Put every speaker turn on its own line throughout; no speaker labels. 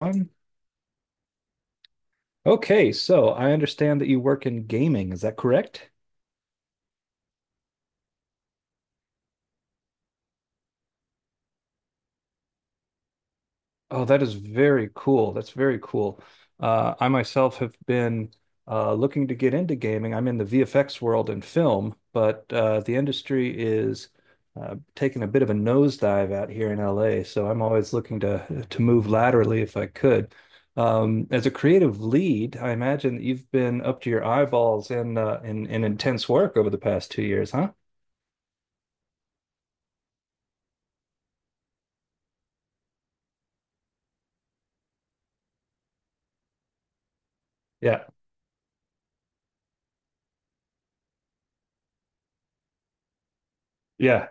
Um, okay, so I understand that you work in gaming. Is that correct? Oh, that is very cool. That's very cool. I myself have been looking to get into gaming. I'm in the VFX world and film, but the industry is taking a bit of a nosedive out here in LA. So I'm always looking to move laterally if I could. As a creative lead, I imagine that you've been up to your eyeballs in in intense work over the past 2 years, huh? Yeah. Yeah.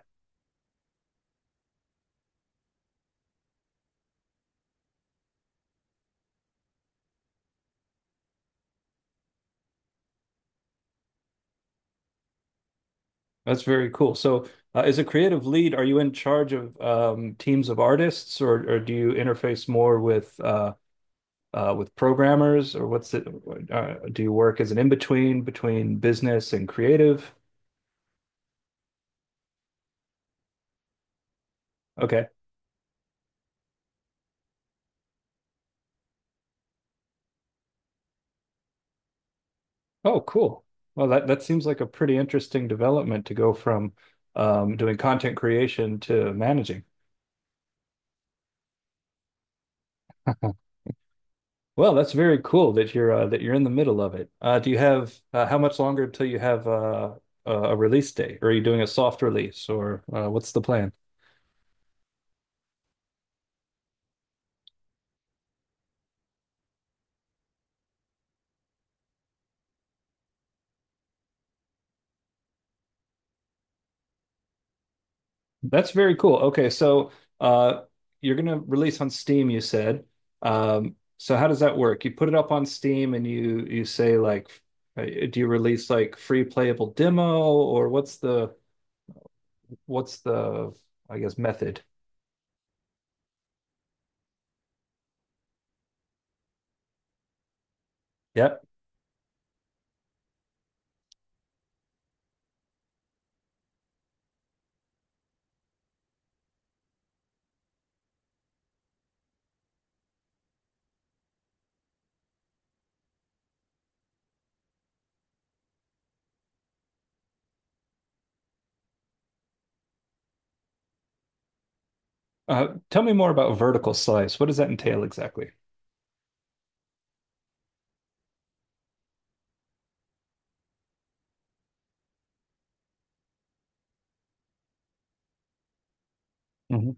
That's very cool. So, as a creative lead, are you in charge of teams of artists, or do you interface more with programmers, or what's it? Do you work as an in-between between business and creative? Okay. Oh, cool. Well, that seems like a pretty interesting development to go from doing content creation to managing. Well, that's very cool that you're in the middle of it. Do you have how much longer until you have a release date? Or are you doing a soft release, or what's the plan? That's very cool. Okay, so uh, you're gonna release on Steam, you said. So how does that work? You put it up on Steam and you say like, do you release like free playable demo or what's the I guess method? Yep. Tell me more about vertical slice. What does that entail exactly? Mhm.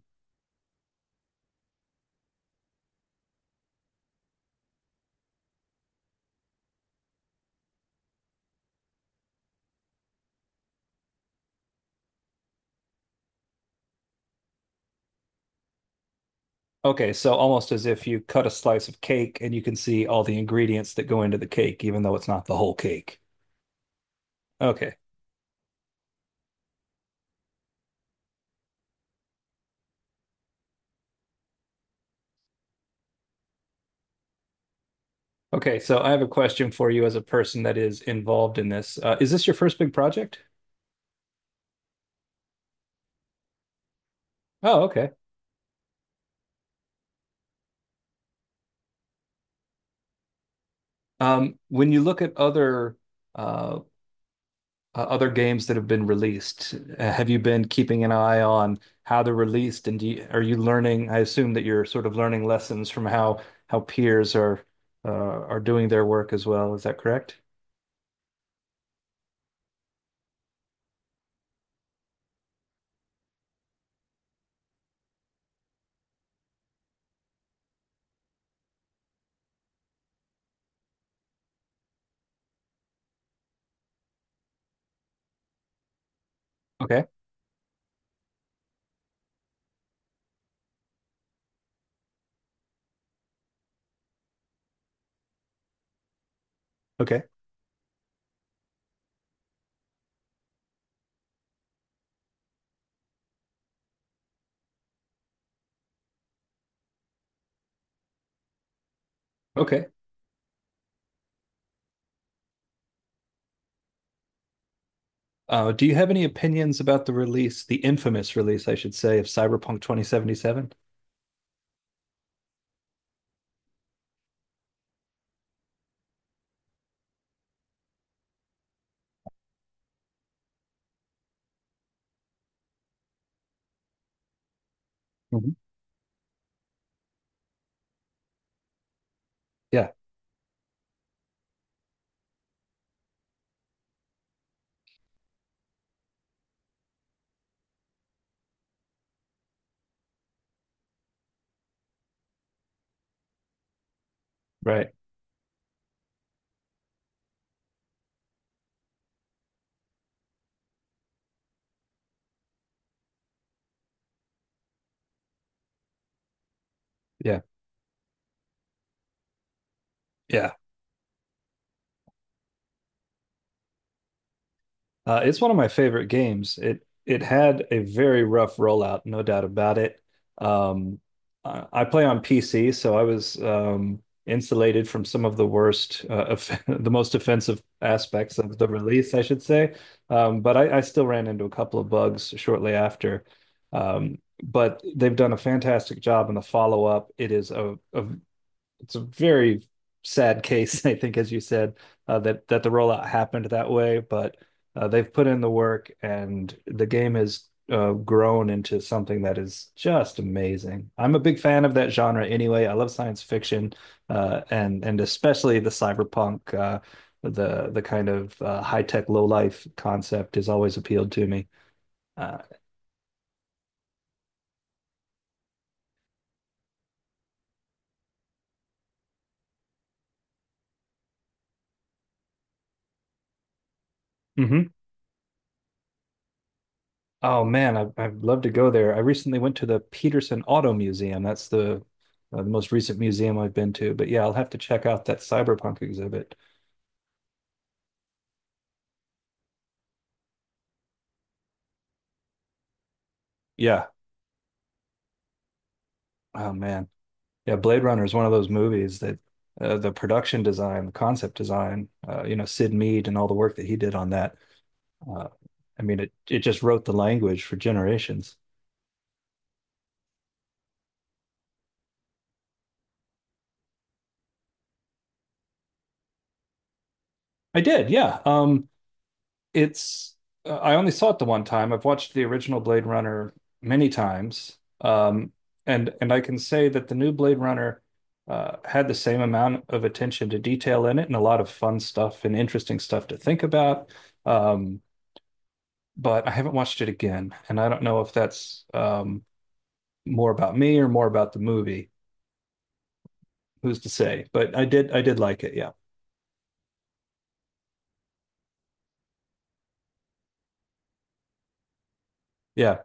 Okay, so almost as if you cut a slice of cake and you can see all the ingredients that go into the cake, even though it's not the whole cake. Okay. Okay, so I have a question for you as a person that is involved in this. Is this your first big project? Oh, okay. When you look at other uh, other games that have been released, have you been keeping an eye on how they're released, and do you, are you learning? I assume that you're sort of learning lessons from how peers are doing their work as well. Is that correct? Okay, okay, okay. Do you have any opinions about the release, the infamous release, I should say, of Cyberpunk 2077? Mhm. Yeah, right. Yeah, yeah. It's one of my favorite games. It had a very rough rollout, no doubt about it. Um, I play on PC, so I was insulated from some of the worst, off the most offensive aspects of the release, I should say. But I still ran into a couple of bugs shortly after. But they've done a fantastic job in the follow-up. It is a it's a very sad case, I think, as you said, that the rollout happened that way. But they've put in the work, and the game has grown into something that is just amazing. I'm a big fan of that genre anyway. I love science fiction, and especially the cyberpunk, the kind of high tech low life concept has always appealed to me. Uh, mhm. Oh man, I'd love to go there. I recently went to the Peterson Auto Museum. That's the most recent museum I've been to. But yeah, I'll have to check out that cyberpunk exhibit. Yeah. Oh man. Yeah, Blade Runner is one of those movies that the production design, the concept design, you know, Sid Mead and all the work that he did on that. Uh, I mean, it just wrote the language for generations. I did, yeah. It's I only saw it the one time. I've watched the original Blade Runner many times. And I can say that the new Blade Runner had the same amount of attention to detail in it and a lot of fun stuff and interesting stuff to think about. Um, but I haven't watched it again, and I don't know if that's more about me or more about the movie. Who's to say? But I did like it. Yeah. Yeah.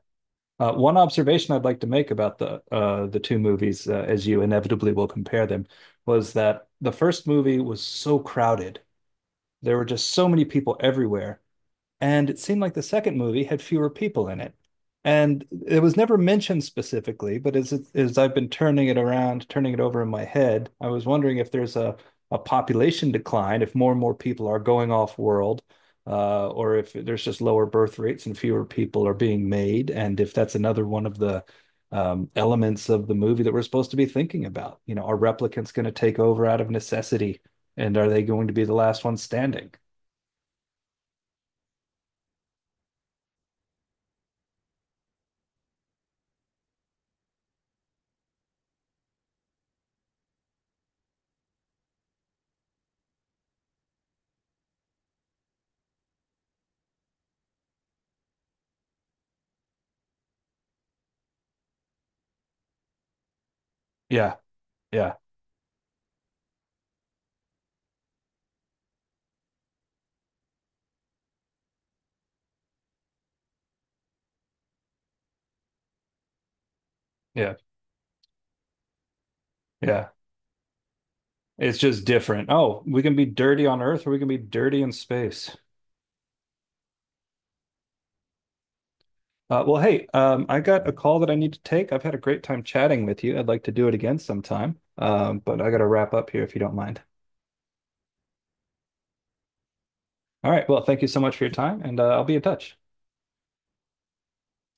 One observation I'd like to make about the two movies, as you inevitably will compare them, was that the first movie was so crowded. There were just so many people everywhere and it seemed like the second movie had fewer people in it. And it was never mentioned specifically, but as I've been turning it around, turning it over in my head, I was wondering if there's a population decline, if more and more people are going off world, or if there's just lower birth rates and fewer people are being made, and if that's another one of the elements of the movie that we're supposed to be thinking about. You know, are replicants going to take over out of necessity, and are they going to be the last ones standing? Yeah, yeah, yeah, yeah. It's just different. Oh, we can be dirty on Earth or we can be dirty in space. Well, hey, I got a call that I need to take. I've had a great time chatting with you. I'd like to do it again sometime, but I got to wrap up here if you don't mind. All right. Well, thank you so much for your time, and I'll be in touch.